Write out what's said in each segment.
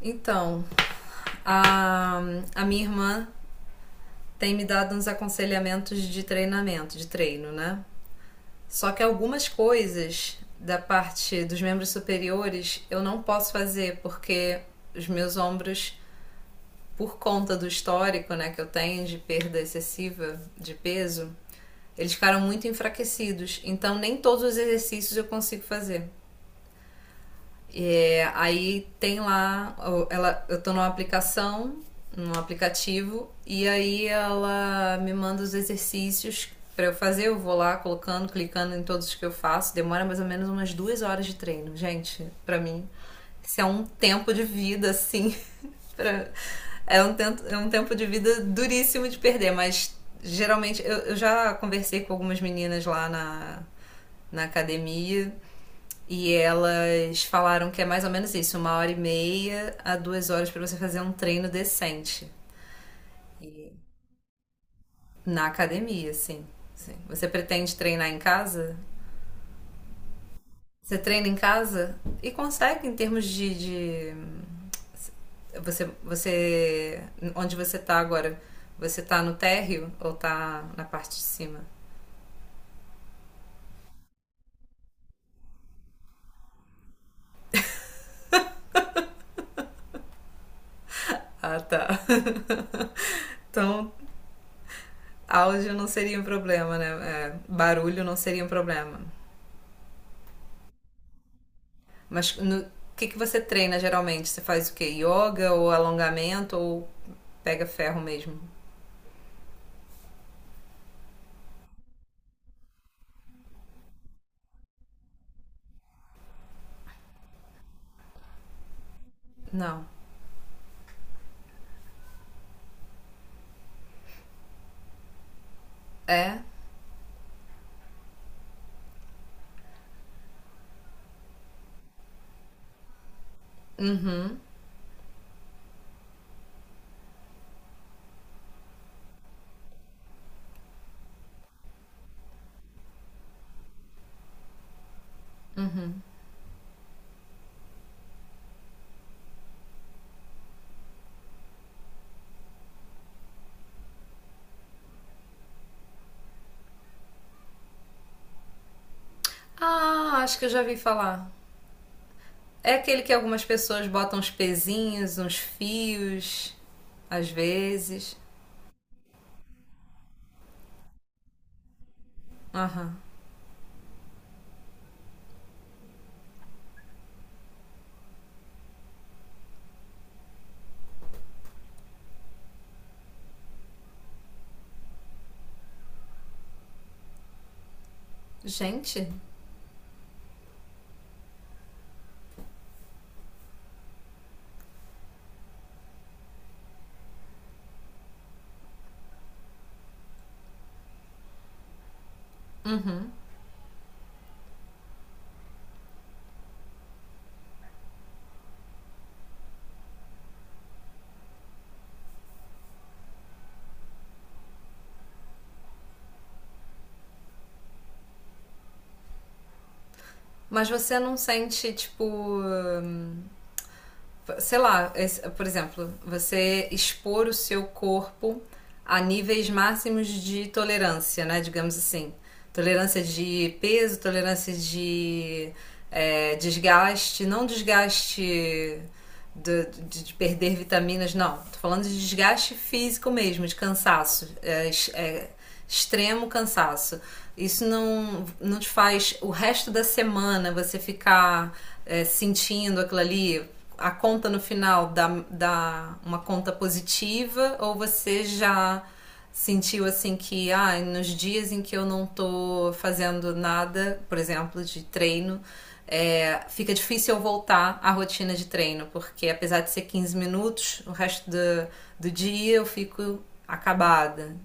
Então, a, a minha irmã tem me dado uns aconselhamentos de treinamento, de treino, né? Só que algumas coisas da parte dos membros superiores eu não posso fazer porque os meus ombros, por conta do histórico, né, que eu tenho de perda excessiva de peso, eles ficaram muito enfraquecidos. Então nem todos os exercícios eu consigo fazer. É, aí tem lá, ela, eu tô numa aplicação, num aplicativo, e aí ela me manda os exercícios para eu fazer. Eu vou lá colocando, clicando em todos os que eu faço. Demora mais ou menos umas 2 horas de treino. Gente, para mim, isso é um tempo de vida, assim. Pra... é um tempo de vida duríssimo de perder, mas geralmente eu já conversei com algumas meninas lá na academia e elas falaram que é mais ou menos isso, 1 hora e meia a 2 horas para você fazer um treino decente. E na academia, sim. Sim. Você pretende treinar em casa? Você treina em casa e consegue em termos de você, onde você tá agora? Você tá no térreo ou tá na parte de cima? Ah, tá. Então, áudio não seria um problema, né? É, barulho não seria um problema. Mas no que você treina geralmente? Você faz o quê? Yoga ou alongamento ou pega ferro mesmo? Não. É? Uhum. Ah, acho que eu já vi falar. É aquele que algumas pessoas botam uns pezinhos, uns fios, às vezes. Aham. Gente? Uhum. Mas você não sente, tipo. Sei lá, esse- por exemplo, você expor o seu corpo a níveis máximos de tolerância, né? Digamos assim. Tolerância de peso, tolerância de é, desgaste, não desgaste de perder vitaminas, não. Tô falando de desgaste físico mesmo, de cansaço, extremo cansaço. Isso não, não te faz o resto da semana você ficar é, sentindo aquilo ali, a conta no final dá uma conta positiva ou você já sentiu assim que ah, nos dias em que eu não tô fazendo nada, por exemplo, de treino, é, fica difícil eu voltar à rotina de treino, porque apesar de ser 15 minutos, o resto do dia eu fico acabada.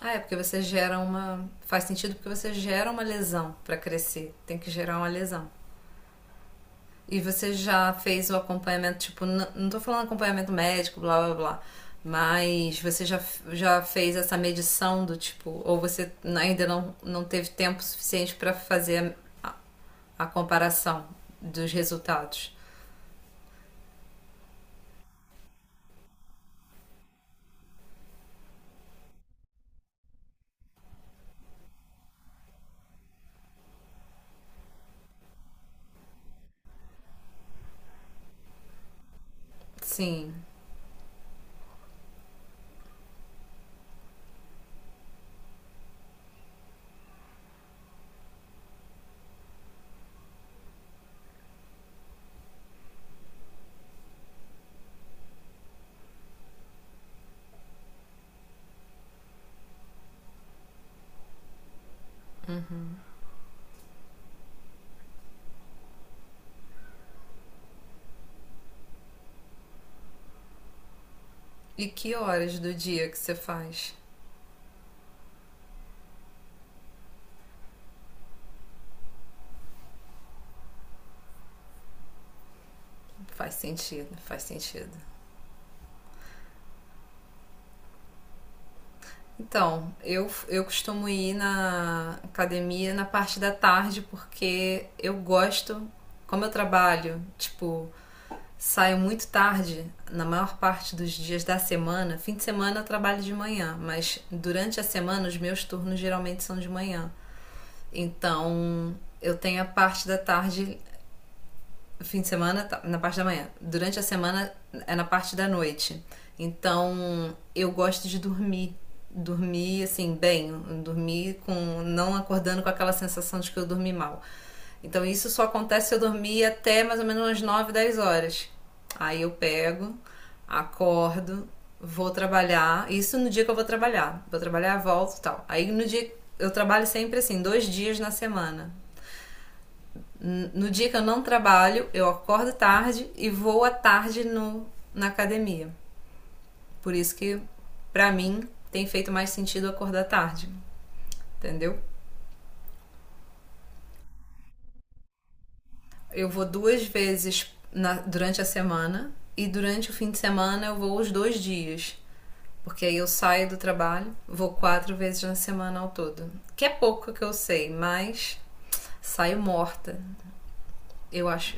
Ah, é porque você gera uma. Faz sentido porque você gera uma lesão para crescer. Tem que gerar uma lesão. E você já fez o acompanhamento, tipo, n- não tô falando acompanhamento médico, blá blá blá, mas você já fez essa medição do tipo, ou você n- ainda não, não teve tempo suficiente para fazer a, a comparação dos resultados? Sim. E que horas do dia que você faz? Faz sentido, faz sentido. Então, eu costumo ir na academia na parte da tarde porque eu gosto, como eu trabalho, tipo, saio muito tarde, na maior parte dos dias da semana. Fim de semana eu trabalho de manhã, mas durante a semana os meus turnos geralmente são de manhã. Então eu tenho a parte da tarde fim de semana tá na parte da manhã. Durante a semana é na parte da noite. Então, eu gosto de dormir. Dormir, assim, bem. Dormir com... Não acordando com aquela sensação de que eu dormi mal. Então, isso só acontece se eu dormir até mais ou menos umas 9 10 horas. Aí eu pego, acordo, vou trabalhar. Isso no dia que eu vou trabalhar. Vou trabalhar, volto e tal. Aí no dia. Eu trabalho sempre assim, dois dias na semana. No dia que eu não trabalho, eu acordo tarde e vou à tarde no, na academia. Por isso que, pra mim, tem feito mais sentido acordar tarde, entendeu? Eu vou duas vezes na, durante a semana e durante o fim de semana eu vou os dois dias. Porque aí eu saio do trabalho, vou quatro vezes na semana ao todo. Que é pouco que eu sei, mas saio morta. Eu acho.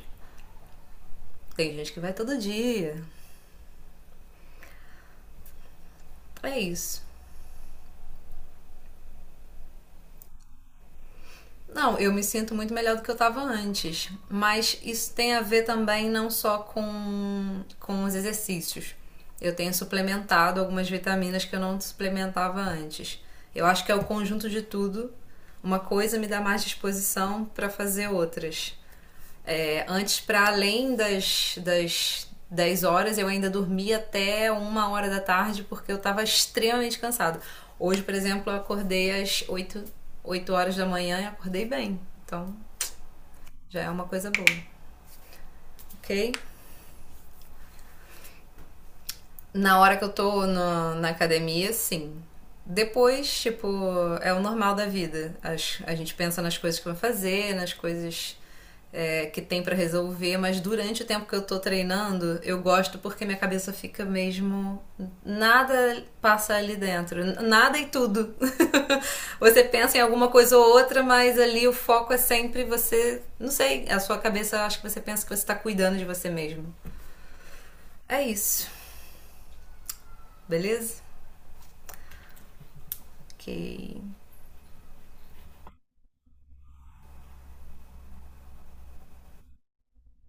Tem gente que vai todo dia. É isso. Não, eu me sinto muito melhor do que eu estava antes. Mas isso tem a ver também não só com os exercícios. Eu tenho suplementado algumas vitaminas que eu não suplementava antes. Eu acho que é o conjunto de tudo. Uma coisa me dá mais disposição para fazer outras. É, antes, para além das 10 horas, eu ainda dormia até 1 hora da tarde porque eu estava extremamente cansado. Hoje, por exemplo, eu acordei às 8 8 horas da manhã e acordei bem. Então, já é uma coisa boa, ok? Na hora que eu tô no- na academia, sim. Depois, tipo, é o normal da vida. As- a gente pensa nas coisas que vai fazer, nas coisas é, que tem pra resolver, mas durante o tempo que eu tô treinando, eu gosto porque minha cabeça fica mesmo. Nada passa ali dentro. N- Nada e tudo. Você pensa em alguma coisa ou outra, mas ali o foco é sempre você. Não sei, a sua cabeça, eu acho que você pensa que você tá cuidando de você mesmo. É isso, beleza? Ok.